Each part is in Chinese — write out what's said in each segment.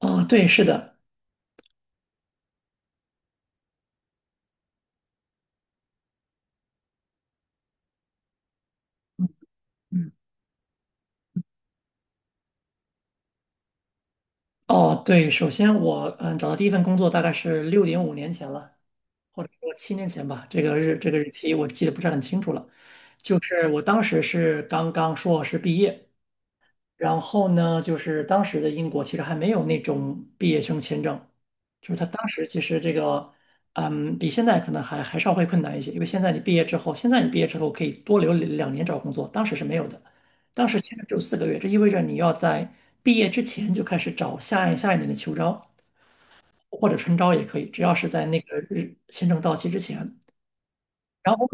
哦，对，是的。嗯，哦，对，首先我找到第一份工作大概是六点五年前了，或者说七年前吧，这个日期我记得不是很清楚了。就是我当时是刚刚硕士毕业，然后呢，就是当时的英国其实还没有那种毕业生签证，就是他当时其实这个，比现在可能还稍微困难一些，因为现在你毕业之后，现在你毕业之后可以多留两年找工作，当时是没有的，当时签证只有四个月，这意味着你要在毕业之前就开始找下一年的秋招或者春招也可以，只要是在那个日签证到期之前。然后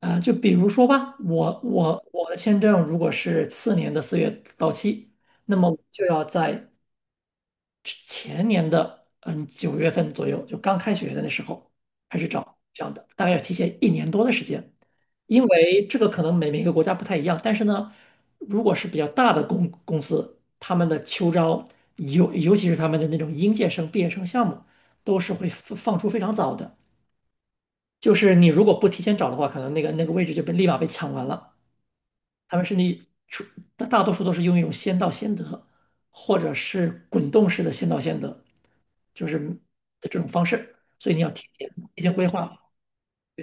啊，就比如说吧，我的签证如果是次年的四月到期，那么我就要在前年的九月份左右，就刚开学的那时候开始找这样的，大概要提前一年多的时间，因为这个可能每个国家不太一样，但是呢，如果是比较大的公司，他们的秋招，尤其是他们的那种应届生、毕业生项目，都是会放出非常早的，就是你如果不提前找的话，可能那个位置就被立马被抢完了。他们甚至出大多数都是用一种先到先得，或者是滚动式的先到先得，就是这种方式。所以你要提前提前规划，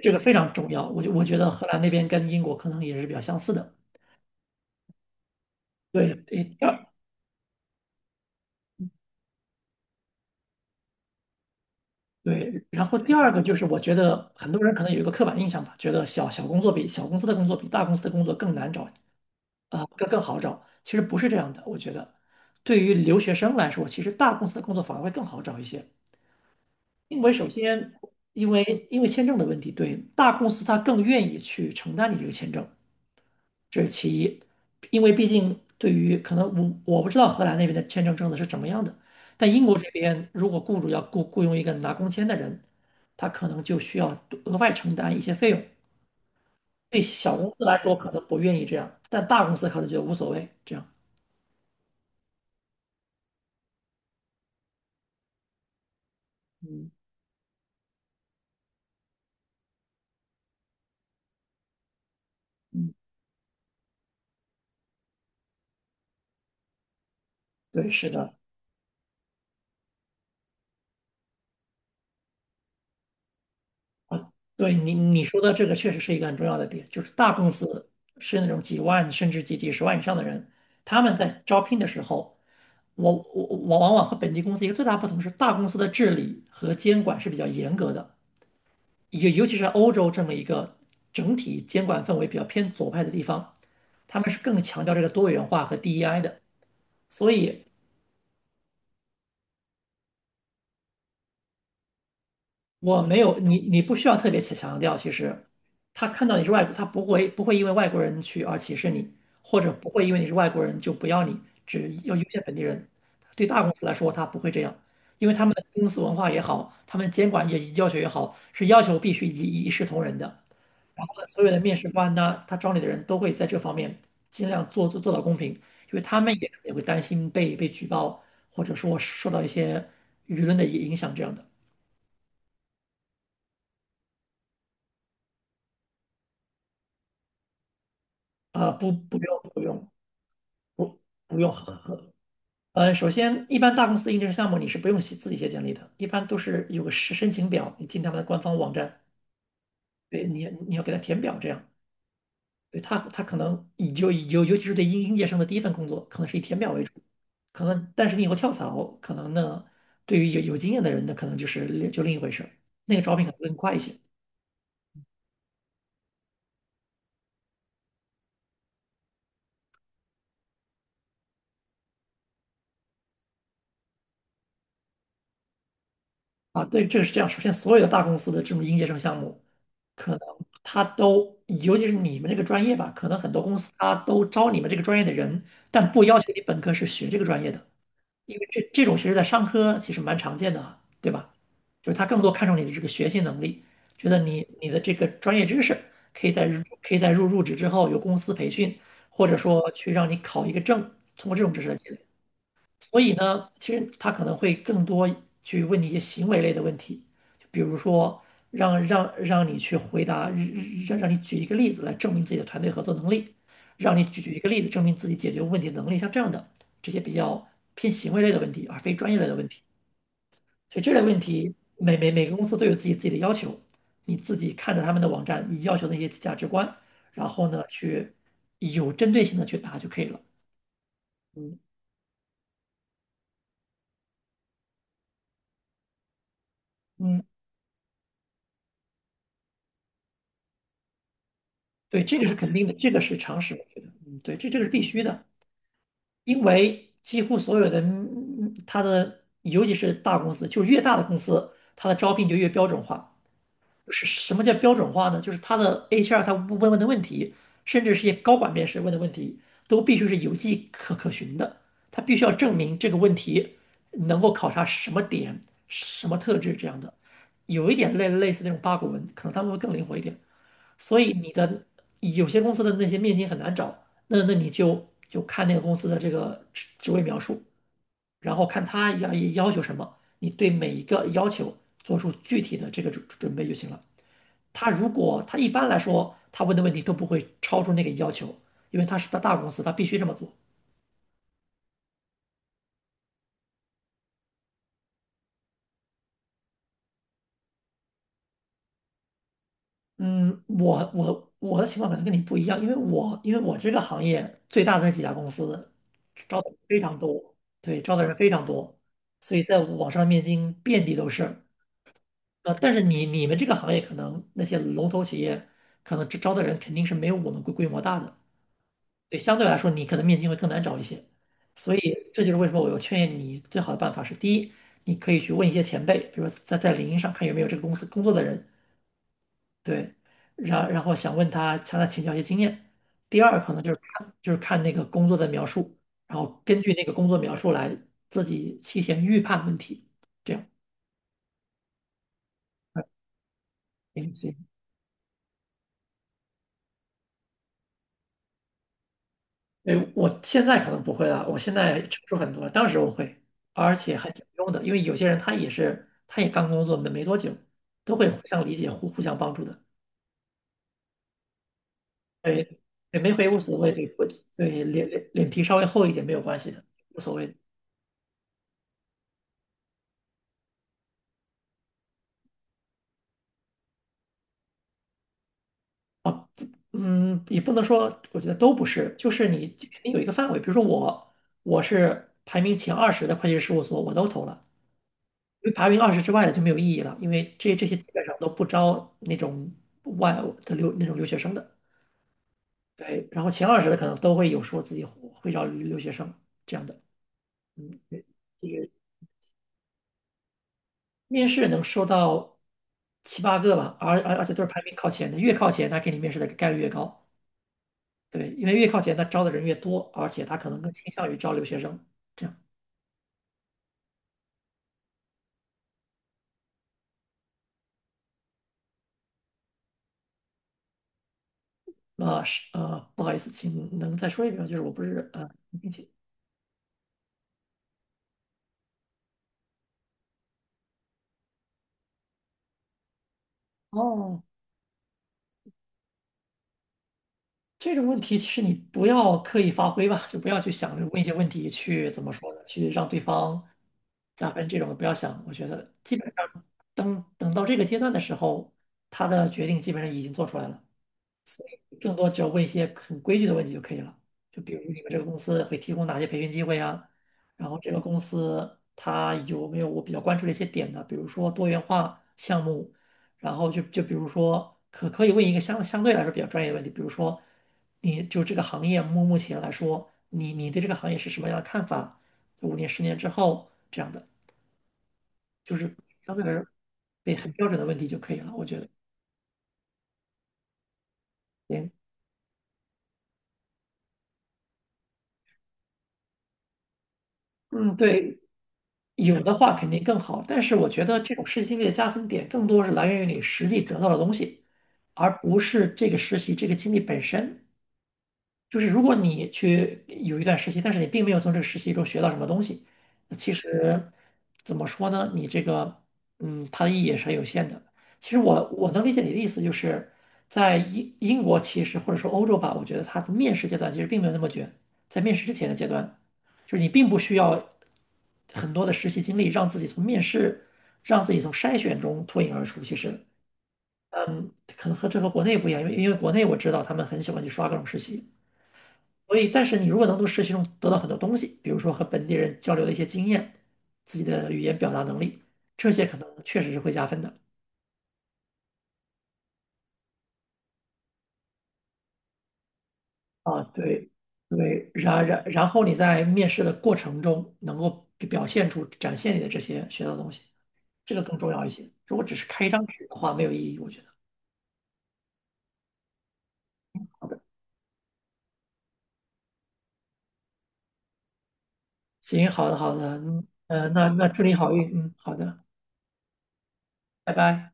这个非常重要。我觉得荷兰那边跟英国可能也是比较相似的。对，诶第二对，然后第二个就是我觉得很多人可能有一个刻板印象吧，觉得小公司的工作比大公司的工作更难找啊，更更好找。其实不是这样的，我觉得对于留学生来说，其实大公司的工作反而会更好找一些。因为首先，因为签证的问题，对，大公司它更愿意去承担你这个签证，这是其一。因为毕竟对于可能不知道荷兰那边的签证政策是怎么样的，但英国这边如果雇主要雇佣一个拿工签的人，他可能就需要多额外承担一些费用。对小公司来说可能不愿意这样，但大公司可能就无所谓这样。嗯嗯，对，是的。啊，对你说的这个确实是一个很重要的点，就是大公司是那种几万甚至几十万以上的人，他们在招聘的时候，我往往和本地公司一个最大不同是，大公司的治理和监管是比较严格的，尤其是欧洲这么一个整体监管氛围比较偏左派的地方，他们是更强调这个多元化和 DEI 的，所以我没有你，你不需要特别强调。其实，他看到你是外国，他不会因为外国人去而歧视你，或者不会因为你是外国人就不要你，只要优先本地人。对大公司来说，他不会这样，因为他们的公司文化也好，他们监管也要求也好，是要求必须一视同仁的。然后呢，所有的面试官呢，他招你的人都会在这方面尽量做到公平，因为他们也可能也会担心被举报，或者说受到一些舆论的影响这样的。啊不，不用，不用，不，不用。呃，首先，一般大公司的届生项目你是不用写自己写简历的，一般都是有个申请表，你进他们的官方网站，对你要给他填表，这样，对可能你就尤其是对应届生的第一份工作，可能是以填表为主，可能但是你以后跳槽，可能呢，对于有经验的人呢，可能就是另一回事儿，那个招聘可能更快一些。啊，对，这个是这样。首先，所有的大公司的这种应届生项目，可能他都，尤其是你们这个专业吧，可能很多公司他都招你们这个专业的人，但不要求你本科是学这个专业的，因为这种其实在商科其实蛮常见的啊，对吧？就是他更多看重你的这个学习能力，觉得你的这个专业知识可以可以在入职之后有公司培训，或者说去让你考一个证，通过这种知识的积累。所以呢，其实他可能会更多去问你一些行为类的问题，就比如说让你去回答，你举一个例子来证明自己的团队合作能力，让你举一个例子证明自己解决问题的能力，像这样的这些比较偏行为类的问题，而非专业类的问题。所以这类问题，每个公司都有自己的要求，你自己看着他们的网站，你要求的一些价值观，然后呢，去有针对性的去答就可以了。嗯，对，这个是肯定的，这个是常识。对，这个是必须的，因为几乎所有的它的，尤其是大公司，就越大的公司，它的招聘就越标准化。是什么叫标准化呢？就是它的 HR 他问的问题，甚至是一些高管面试问的问题，都必须是有迹可循的。他必须要证明这个问题能够考察什么点、什么特质这样的。有一点类似那种八股文，可能他们会更灵活一点。所以你的有些公司的那些面经很难找，你就看那个公司的这个职位描述，然后看他求什么，你对每一个要求做出具体的这个准备就行了。他如果他一般来说他问的问题都不会超出那个要求，因为他是大公司，他必须这么做。嗯，我的情况可能跟你不一样，因为我这个行业最大的那几家公司招的人非常多，对，招的人非常多，所以在网上的面经遍地都是。呃，但是你们这个行业可能那些龙头企业可能招的人肯定是没有我们规模大的，对，相对来说你可能面经会更难找一些。所以这就是为什么我有劝你最好的办法是：第一，你可以去问一些前辈，比如说在领英上看有没有这个公司工作的人，对，然后想问他向他请教一些经验。第二，可能就是看那个工作的描述，然后根据那个工作描述来自己提前预判问题，这样。嗯行行，对，我现在可能不会了，我现在成熟很多了，当时我会，而且还挺有用的，因为有些人他也是他也刚工作没多久，都会互相理解、互相帮助的。对，对，没回无所谓，对不？对，脸皮稍微厚一点没有关系的，无所谓的。嗯，也不能说，我觉得都不是，就是你肯定有一个范围。比如说我，我是排名前二十的会计师事务所，我都投了，因为排名二十之外的就没有意义了，因为这些基本上都不招那种外的留那种留学生的。对，然后前二十的可能都会有说自己会招留学生这样的。嗯，对，就是面试能收到7、8个吧，而且都是排名靠前的，越靠前他给你面试的概率越高。对，因为越靠前，他招的人越多，而且他可能更倾向于招留学生。这样，那是不好意思，请能再说一遍吗？就是我不是并且哦，这种问题其实你不要刻意发挥吧，就不要去想着问一些问题去怎么说呢，去让对方加分这种不要想。我觉得基本上等到这个阶段的时候，他的决定基本上已经做出来了。更多只要问一些很规矩的问题就可以了。就比如你们这个公司会提供哪些培训机会啊？然后这个公司它有没有我比较关注的一些点呢？比如说多元化项目，然后就比如说可以问一个相对来说比较专业的问题，比如说你就这个行业目前来说，你对这个行业是什么样的看法？5年、10年之后这样的，就是相对来说对很标准的问题就可以了，我觉得。行，嗯，对，有的话肯定更好，但是我觉得这种实习经历的加分点更多是来源于你实际得到的东西，而不是这个实习这个经历本身。就是如果你去有一段实习，但是你并没有从这个实习中学到什么东西，那其实怎么说呢？你这个，嗯，它的意义也是很有限的。其实我能理解你的意思，就是在英国其实或者说欧洲吧，我觉得它的面试阶段其实并没有那么卷，在面试之前的阶段，就是你并不需要很多的实习经历，让自己从面试，让自己从筛选中脱颖而出。其实，嗯，可能和这和国内不一样，因为国内我知道他们很喜欢去刷各种实习。所以，但是你如果能从实习中得到很多东西，比如说和本地人交流的一些经验，自己的语言表达能力，这些可能确实是会加分的。啊，对，对，然后你在面试的过程中能够表现出、展现你的这些学到的东西，这个更重要一些。如果只是开一张纸的话，没有意义，我觉得。好的，行，好的，好的，嗯，那祝你好运，嗯，好的，拜拜。